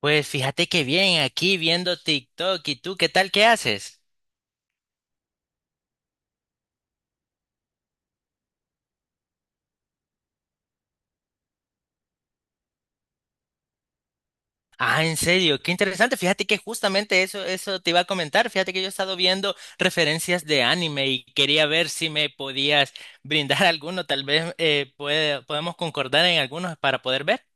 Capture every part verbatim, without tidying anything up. Pues fíjate que bien, aquí viendo TikTok y tú, ¿qué tal? ¿Qué haces? Ah, en serio, qué interesante. Fíjate que justamente eso, eso te iba a comentar. Fíjate que yo he estado viendo referencias de anime y quería ver si me podías brindar alguno. Tal vez eh, puede- podemos concordar en algunos para poder ver.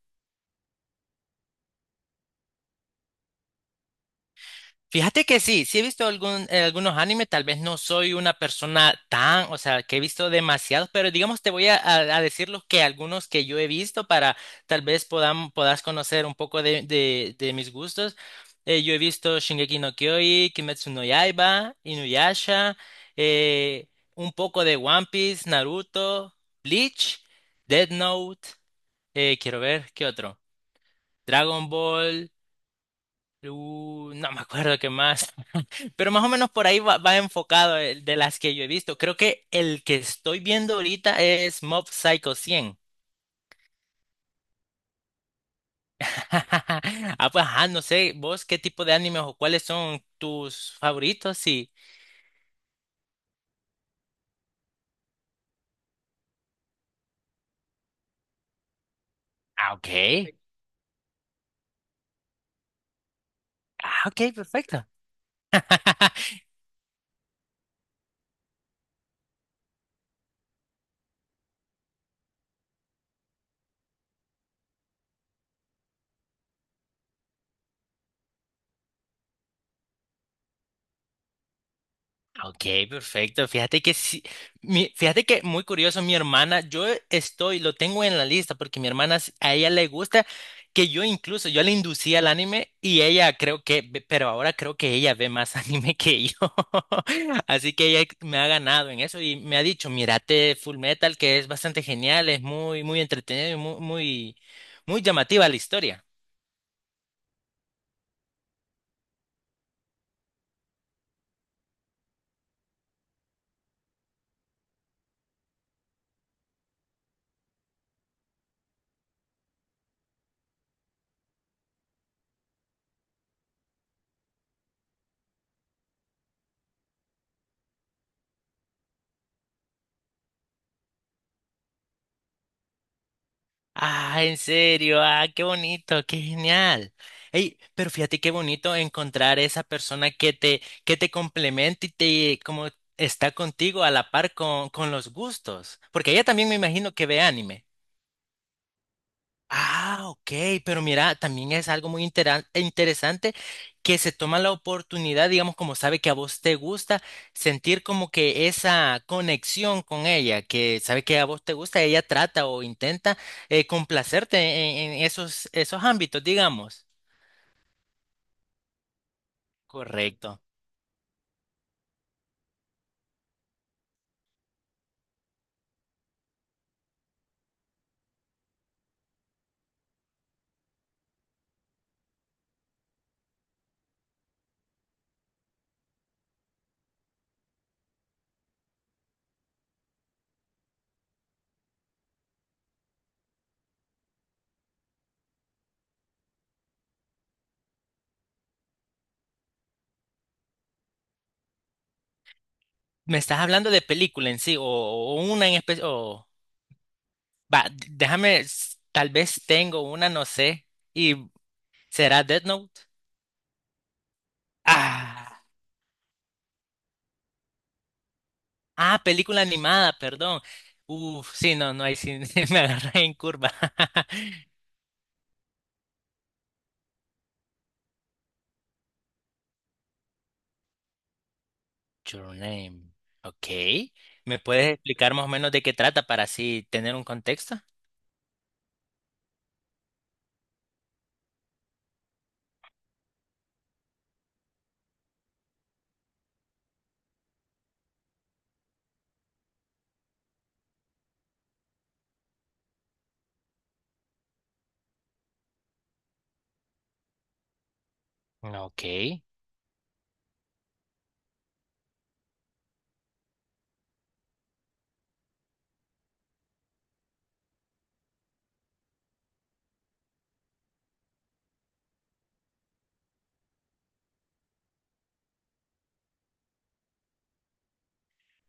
Fíjate que sí, sí he visto algún, eh, algunos animes, tal vez no soy una persona tan, o sea, que he visto demasiados, pero digamos te voy a, a- a decir los que algunos que yo he visto para tal vez podam- puedas conocer un poco de, de- de mis gustos. Eh, yo he visto Shingeki no Kyojin, Kimetsu no Yaiba, Inuyasha, eh, un poco de One Piece, Naruto, Bleach, Death Note, eh, quiero ver, ¿qué otro? Dragon Ball, uh, no me acuerdo qué más. Pero más o menos por ahí va, va enfocado el de las que yo he visto. Creo que el que estoy viendo ahorita es Mob Psycho cien. Ah, pues, ajá, no sé, vos qué tipo de animes o cuáles son tus favoritos y. Ah, ok. Ah, ok, perfecto. Ok, perfecto. Fíjate que sí, mi- fíjate que muy curioso, mi hermana, yo estoy, lo tengo en la lista porque mi hermana, s- a ella le gusta que yo incluso, yo le inducía al anime y ella creo que, ve- pero ahora creo que ella ve más anime que yo. Así que ella me ha ganado en eso y me ha dicho, mírate Full Metal, que es bastante genial, es muy, muy entretenido y muy, muy, muy llamativa la historia. Ah, en serio, ah, qué bonito, qué genial. Ey, pero fíjate qué bonito encontrar esa persona que te, que te complemente y te como está contigo a la par con, con los gustos. Porque ella también me imagino que ve anime. Ah, ok, pero mira, también es algo muy intera- interesante, que se toma la oportunidad, digamos, como sabe que a vos te gusta, sentir como que esa conexión con ella, que sabe que a vos te gusta, ella trata o intenta eh, complacerte en, en esos, esos ámbitos, digamos. Correcto. ¿Me estás hablando de película en sí o, o una en especial? O. Va, d- déjame, s- tal vez tengo una, no sé, y será Death Note. Ah. Ah, película animada, perdón. Uf, sí, no, no, hay sí me agarré en curva. Your Name. Ok. ¿Me puedes explicar más o menos de qué trata para así tener un contexto? Ok.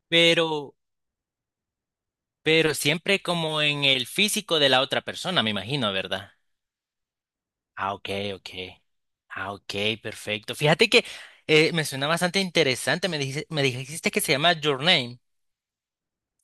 Pero, pero siempre como en el físico de la otra persona, me imagino, ¿verdad? Ah, ok, ok. Ah, ok, perfecto. Fíjate que eh, me suena bastante interesante. Me dijiste, me dijiste que se llama Your Name.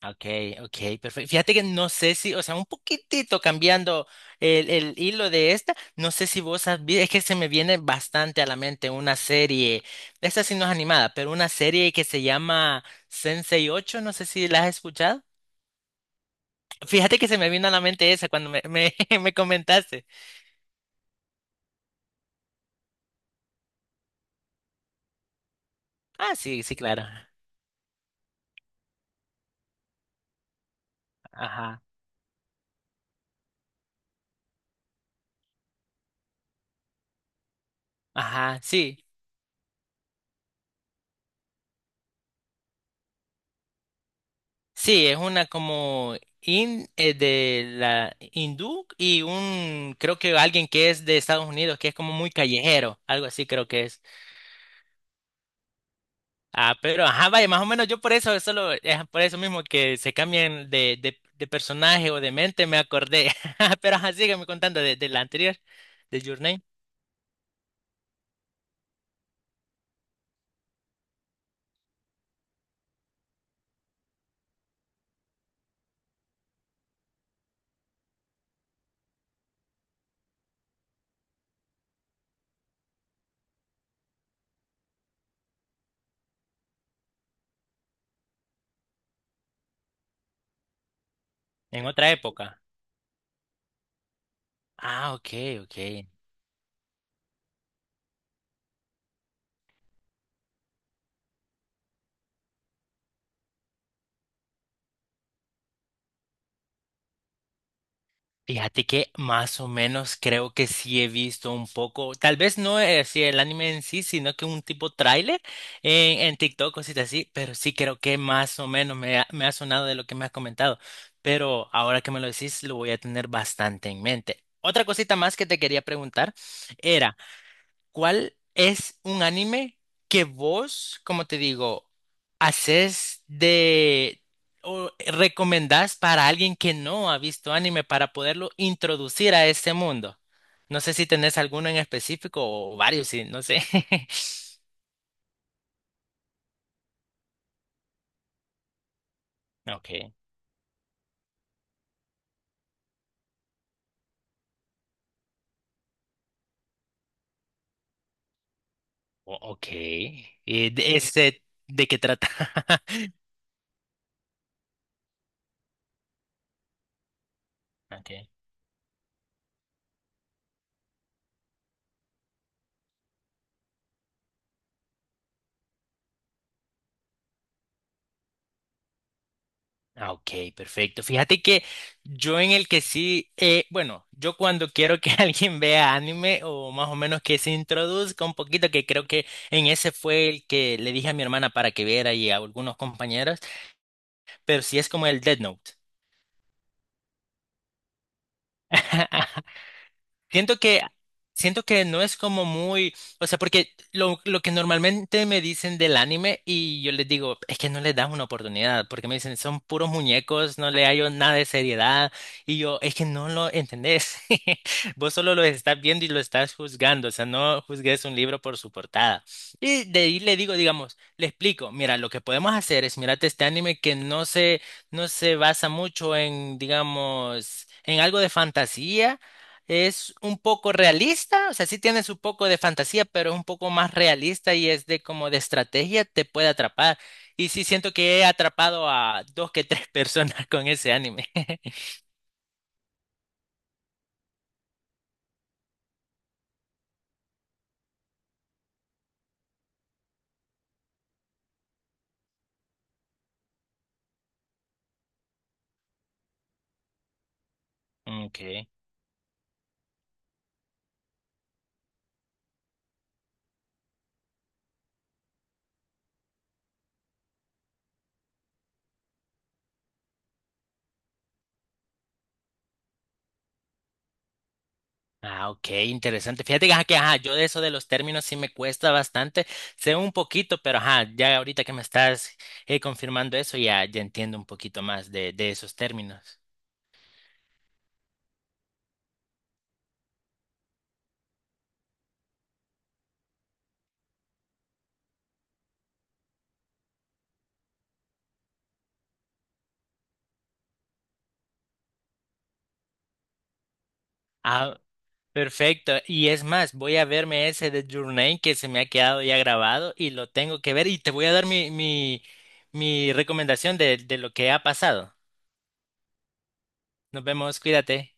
Ok, ok, perfecto. Fíjate que no sé si, o sea, un poquitito cambiando el, el hilo de esta, no sé si vos has vi- es que se me viene bastante a la mente una serie, esta sí no es animada, pero una serie que se llama Sensei ocho, no sé si la has escuchado. Fíjate que se me vino a la mente esa cuando me, me, me comentaste. Ah, sí, sí, claro. Ajá, ajá, sí. Sí, es una como in, eh, de la hindú y un, creo que alguien que es de Estados Unidos, que es como muy callejero, algo así creo que es. Ah, pero ajá, vaya, más o menos yo por eso, es solo, es por eso mismo que se cambian de, de, de personaje o de mente, me acordé. Pero ajá, sígueme contando de, de la anterior, de Your Name, en otra época. Ah, ok, ok. Fíjate que más o menos creo que sí he visto un poco, tal vez no es así el anime en sí, sino que un tipo tráiler en, en TikTok, cositas así, pero sí creo que más o menos me ha, me ha sonado de lo que me has comentado. Pero ahora que me lo decís, lo voy a tener bastante en mente. Otra cosita más que te quería preguntar era. ¿Cuál es un anime que vos, como te digo, haces de o recomendás para alguien que no ha visto anime para poderlo introducir a este mundo? No sé si tenés alguno en específico o varios, sí, no sé. Okay, o- ok. ¿Y de ese de qué trata? Ok. Ah, ok, perfecto. Fíjate que yo en el que sí, eh, bueno, yo cuando quiero que alguien vea anime o más o menos que se introduzca un poquito, que creo que en ese fue el que le dije a mi hermana para que viera y a algunos compañeros, pero sí es como el Dead Note. Siento que, siento que no es como muy, o sea, porque lo, lo que normalmente me dicen del anime y yo les digo, es que no les das una oportunidad, porque me dicen, son puros muñecos, no le hallo nada de seriedad, y yo, es que no lo entendés, vos solo lo estás viendo y lo estás juzgando, o sea, no juzgues un libro por su portada. Y de ahí le digo, digamos, le explico, mira, lo que podemos hacer es mirate este anime que no se, no se basa mucho en, digamos, en algo de fantasía, es un poco realista, o sea, sí tiene su poco de fantasía, pero es un poco más realista y es de como de estrategia, te puede atrapar. Y sí siento que he atrapado a dos que tres personas con ese anime. Okay. Ah, ok, interesante. Fíjate que, ajá, que ajá, yo de eso de los términos sí me cuesta bastante. Sé un poquito, pero ajá, ya ahorita que me estás eh, confirmando eso, ya, ya entiendo un poquito más de, de esos términos. Ah, perfecto. Y es más, voy a verme ese de Your Name que se me ha quedado ya grabado y lo tengo que ver y te voy a dar mi, mi, mi recomendación de, de lo que ha pasado. Nos vemos, cuídate.